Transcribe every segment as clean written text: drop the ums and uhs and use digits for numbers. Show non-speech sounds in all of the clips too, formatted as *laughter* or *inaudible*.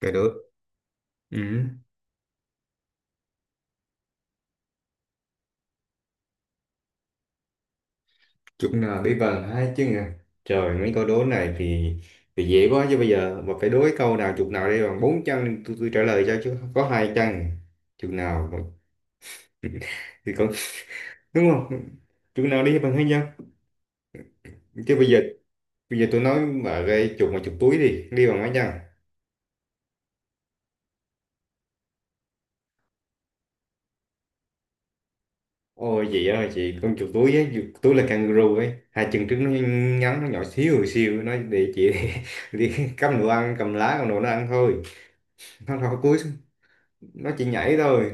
Cái đứa ừ. Chúng là bí vần hai chứ nhỉ. Trời, mấy câu đố này thì dễ quá. Chứ bây giờ mà phải đố cái câu nào chục nào đây, bằng bốn chân tôi trả lời cho, chứ có hai chân chục nào còn- *laughs* thì còn, đúng không, chục nào đi bằng hai chân chứ bây giờ tôi nói mà cái chục mà chục túi đi đi bằng mấy chân. Ôi chị ơi, chị, con chục túi ấy, chục túi là kangaroo ấy, hai chân trước nó ngắn, nó nhỏ xíu xíu, nó để chị *laughs* đi, cầm đồ ăn, cầm lá, cầm đồ nó ăn thôi, nó đâu có cúi xuống, nó chỉ nhảy thôi,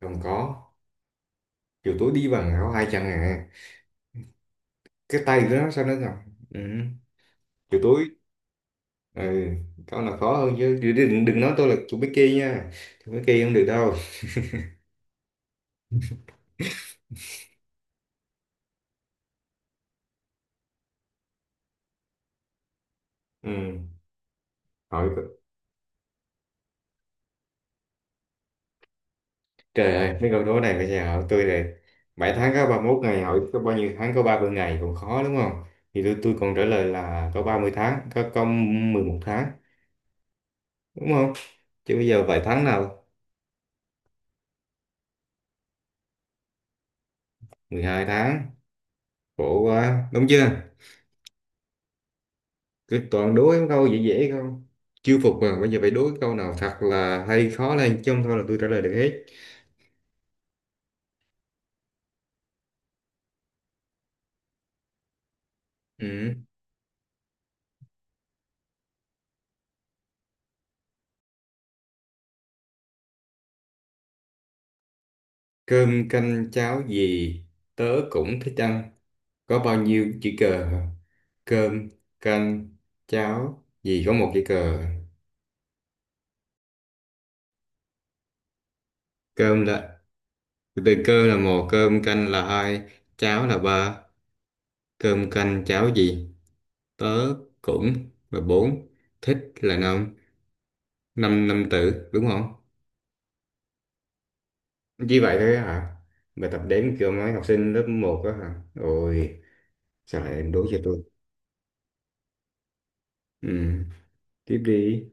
không có. Chiều tối đi bằng áo hai chân à, cái tay của nó sao nó ngọc. Ừ. Chiều tối. Ừ. Con là khó hơn, chứ đừng nói tôi là chú Mickey nha, chú Mickey không được đâu. Ừ. Hỏi, trời ơi mấy câu đố này bây giờ hỏi tôi là 7 tháng có 31 ngày, hỏi có bao nhiêu tháng có 30 ngày còn khó, đúng không? Thì tôi còn trả lời là có 30 tháng, có 11 tháng, đúng không? Chứ bây giờ 7 tháng nào, 12 tháng, khổ quá, đúng chưa? Cứ toàn đố em câu dễ dễ không? Chưa phục mà, bây giờ phải đố câu nào thật là hay, khó lên chứ, không thôi là tôi trả lời được hết. Ừ. Cơm canh cháo gì tớ cũng thích ăn. Có bao nhiêu chữ cờ? Hả? Cơm canh cháo gì có một chữ cờ. Cơm là, từ cơ là một, cơm canh là hai, cháo là ba. Cơm canh cháo gì? Tớ cũng là bốn, thích là năm, năm năm tử đúng không? Chỉ vậy thôi á hả? Bài tập đếm kiểu mấy học sinh lớp một á hả? Ôi, sao lại đố cho tôi? Ừ, tiếp đi.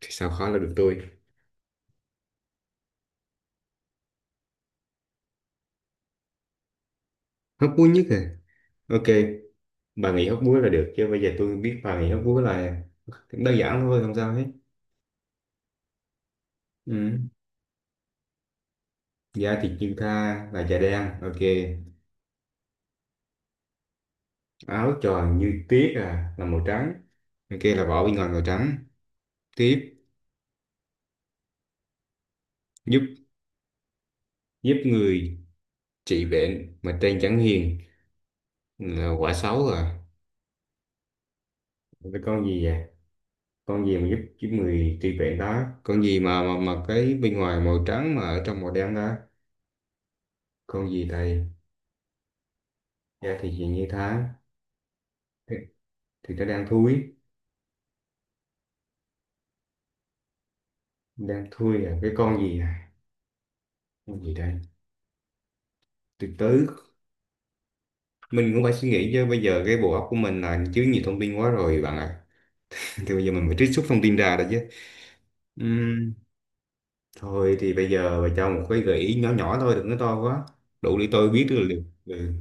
Thì sao khó là được tôi? Hóc búa nhất à? Ok, bà nghĩ hóc búa là được, chứ bây giờ tôi biết bà nghĩ hóc búa là đơn giản thôi, không sao hết. Ừ. Da thịt như tha là da đen, ok. Áo tròn như tuyết à, là màu trắng. Ok, là vỏ bên ngoài màu trắng. Tiếp, giúp giúp người trị bệnh mà trên chẳng hiền, là quả xấu à. Cái con gì vậy? Con gì mà giúp giúp người tri viện đó, con gì mà cái bên ngoài màu trắng mà ở trong màu đen đó, con gì thầy. Da thì gì như thế, thì, thì nó đang thui, đang thui à, cái con gì à, con gì đây, từ từ. Mình cũng phải suy nghĩ chứ, bây giờ cái bộ óc của mình là chứa nhiều thông tin quá rồi bạn ạ. *laughs* Thì bây giờ mình phải trích xuất thông tin ra đó chứ. Ừm, Thôi thì bây giờ bà cho một cái gợi ý nhỏ nhỏ thôi, đừng có to quá, đủ để tôi biết được liệu- ừ.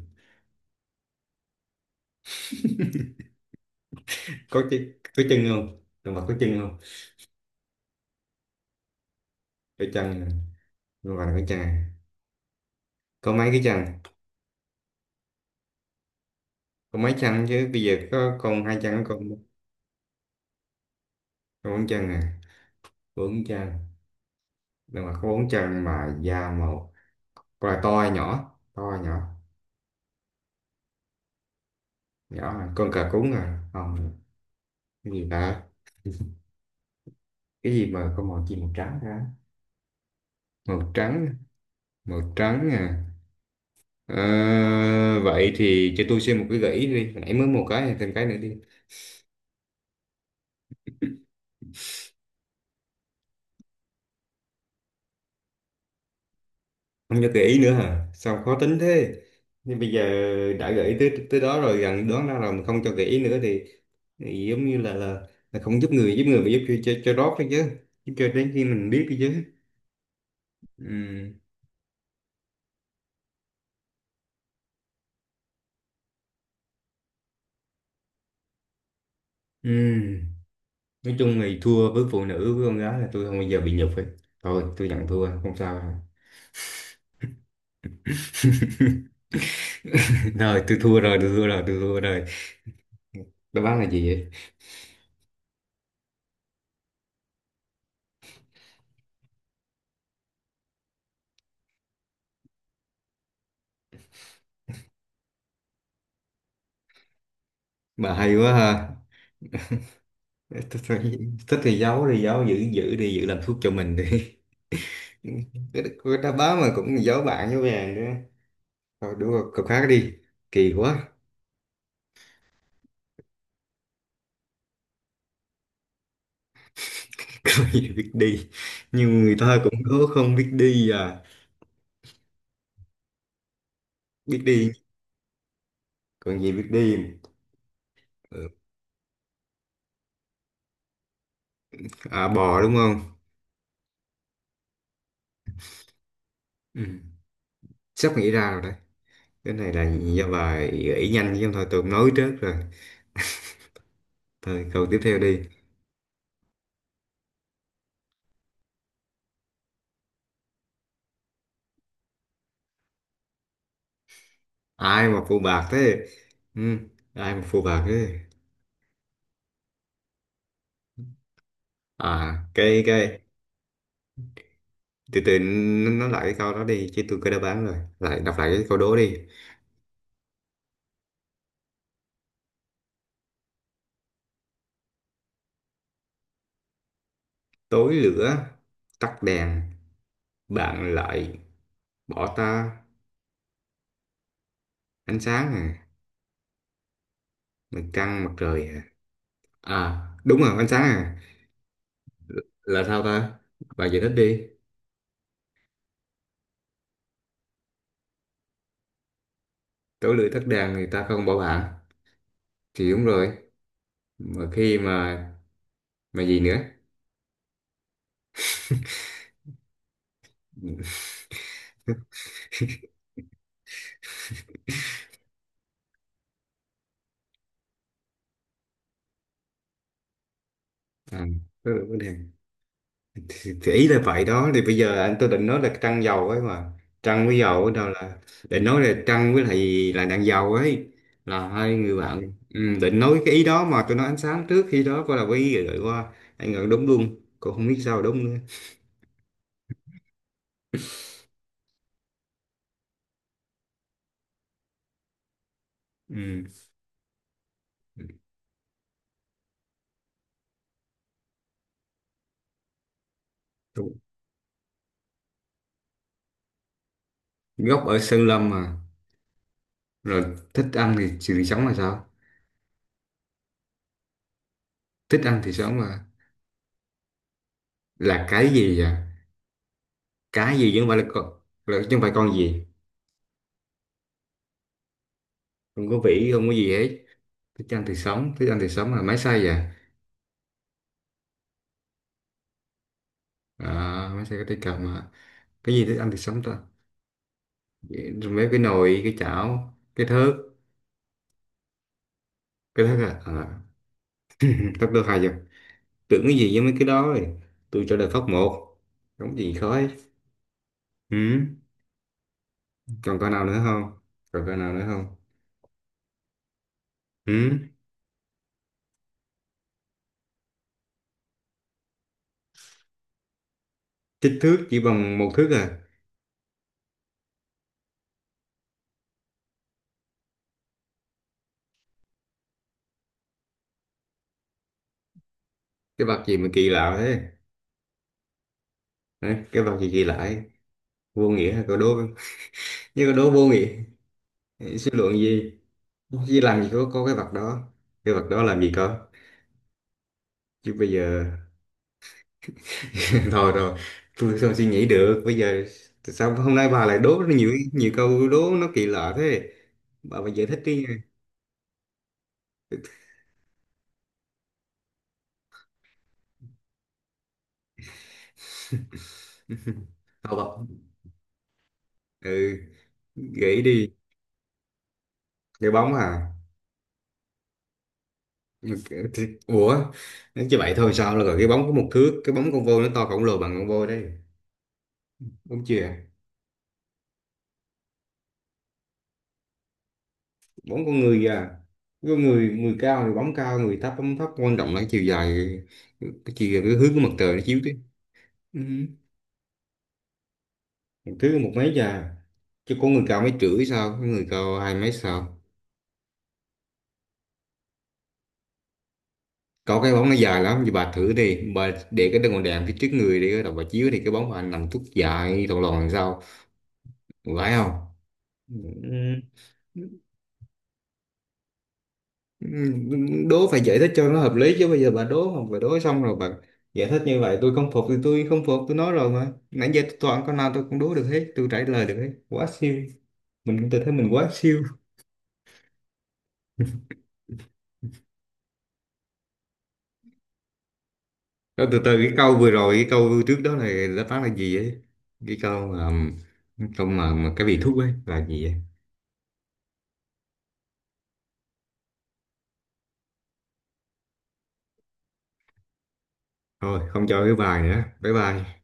Có cái, có chân không? Động vật có chân không? Có chân, nhưng mà có chân à? Có mấy cái chân, có mấy chân, chứ bây giờ có con hai chân có con bốn chân à. Bốn chân, nhưng mà có bốn chân mà da màu. Con là to hay nhỏ, to hay nhỏ? Nhỏ à? Con cà cún à, không, cái gì ta? *laughs* Cái gì mà có màu gì, màu trắng hả? Màu trắng, màu trắng à. Ờ, vậy thì cho tôi xem một cái gợi ý đi, hồi nãy mới một cái, thêm cái nữa đi. Không cho gợi ý nữa hả, sao khó tính thế? Nhưng bây giờ đã gợi ý tới tới đó rồi, gần đoán ra rồi mà không cho gợi ý nữa thì giống như là là không giúp người, giúp người mà giúp cho rót đấy chứ, giúp cho đến khi mình biết đấy chứ. Ừ. Ừ. Nói chung thì thua với phụ nữ với con gái là tôi không bao giờ bị nhục ấy, thôi tôi nhận thua không sao đâu. *laughs* Rồi tôi thua rồi, tôi thua rồi, đáp án là gì vậy? Bà hay quá ha. Thích thì Thích thì giấu thì giấu, giữ giữ đi, giữ làm thuốc cho mình đi. *laughs* Cái đáp án mà cũng giấu, bạn với vàng nữa, thôi đúng rồi, cậu khác đi, kỳ quá. *laughs* Có gì biết đi nhưng người ta cũng có không biết đi à, biết đi, còn gì biết đi. Ừ. À bò, đúng không. Ừ. Sắp nghĩ ra rồi đấy, cái này là do bà gợi ý nhanh chứ không thôi tôi cũng nói trước rồi. Thôi câu tiếp theo đi. Ai mà phụ bạc thế. Ừ. Ai mà phụ bạc thế, à cái, từ từ, n- nói lại cái câu đó đi, chứ tôi có đáp án rồi, lại đọc lại cái câu đố đi. Tối lửa tắt đèn bạn lại bỏ ta. Ánh sáng à, mặt trăng mặt trời à, à đúng rồi ánh sáng à, là sao ta, bạn giải thích đi. Tối lưỡi tắt đèn thì ta không bảo bạn thì đúng rồi, mà khi mà gì nữa. À, tối lưỡi tắt đèn thì ý là vậy đó. Thì bây giờ anh tôi định nói là trăng dầu ấy mà, trăng với dầu ở đâu là, định nói là trăng với lại, là đèn dầu ấy, là hai người bạn, ừ, định nói cái ý đó, mà tôi nói ánh sáng trước khi đó coi là có ý gửi qua anh ngờ, đúng luôn, cô không biết sao đúng nữa. Ừ. Gốc ở Sơn Lâm mà, rồi thích ăn thì sự sống là sao, thích ăn thì sống là cái gì à, cái gì chứ không phải là con, là chứ không phải con gì, không có vĩ không có gì hết, thích ăn thì sống, thích ăn thì sống là máy xay à, à máy xay có tay cầm à, cái gì thích ăn thì sống ta, rồi mấy cái nồi cái chảo cái thớt, cái thớt à, à. Ừ, thớt đâu hai giờ, tưởng cái gì với mấy cái đó rồi, tôi trả lời phóc một đúng, gì khó ấy. Ừ. Còn con nào nữa không, còn con nào nữa không ừ. Kích thước chỉ bằng 1 thước à, cái vạt gì mà kỳ lạ thế. Hả? Cái vạt gì kỳ lạ ấy? Vô nghĩa hả? Cậu đố như cậu đố vô nghĩa, suy luận gì, chứ làm gì có cái vạt đó, cái vạt đó làm gì cơ, chứ bây giờ. *laughs* Thôi rồi, tôi sao suy nghĩ được bây giờ, tại sao hôm nay bà lại đố rất nhiều nhiều câu đố nó kỳ lạ thế, bà phải giải thích đi. Thôi bà, ừ, gãy đi. Cái bóng à. Thì- ủa, chứ vậy thôi sao, là rồi cái bóng có 1 thước, cái bóng con voi nó to khổng lồ bằng con voi đấy, đúng chưa? Bóng con người à, có người người cao thì bóng cao, người thấp bóng thấp, quan trọng là cái chiều dài, cái hướng của mặt trời nó chiếu chứ. Ừ. Một thứ một mấy già, chứ có người cao mấy rưỡi sao, có người cao hai mấy sao. Có cái bóng nó dài lắm, thì bà thử đi, bà để cái đèn, phía trước người đi đầu bà chiếu thì cái bóng bà nằm tuốt dài lòn lòn, làm sao phải không. Ừ. Ừ, đố phải giải thích cho nó hợp lý chứ, bây giờ bà đố không phải đố xong rồi bà giải thích như vậy, tôi không phục thì tôi không phục, tôi nói rồi mà, nãy giờ tôi toàn câu nào tôi cũng đố được hết, tôi trả lời được hết, quá siêu, tôi thấy mình quá siêu. Rồi từ từ, cái câu vừa rồi, cái câu trước đó là đáp án là gì ấy, cái câu mà, mà cái vị thuốc ấy là gì ấy. Thôi không cho cái bài nữa, bye bye.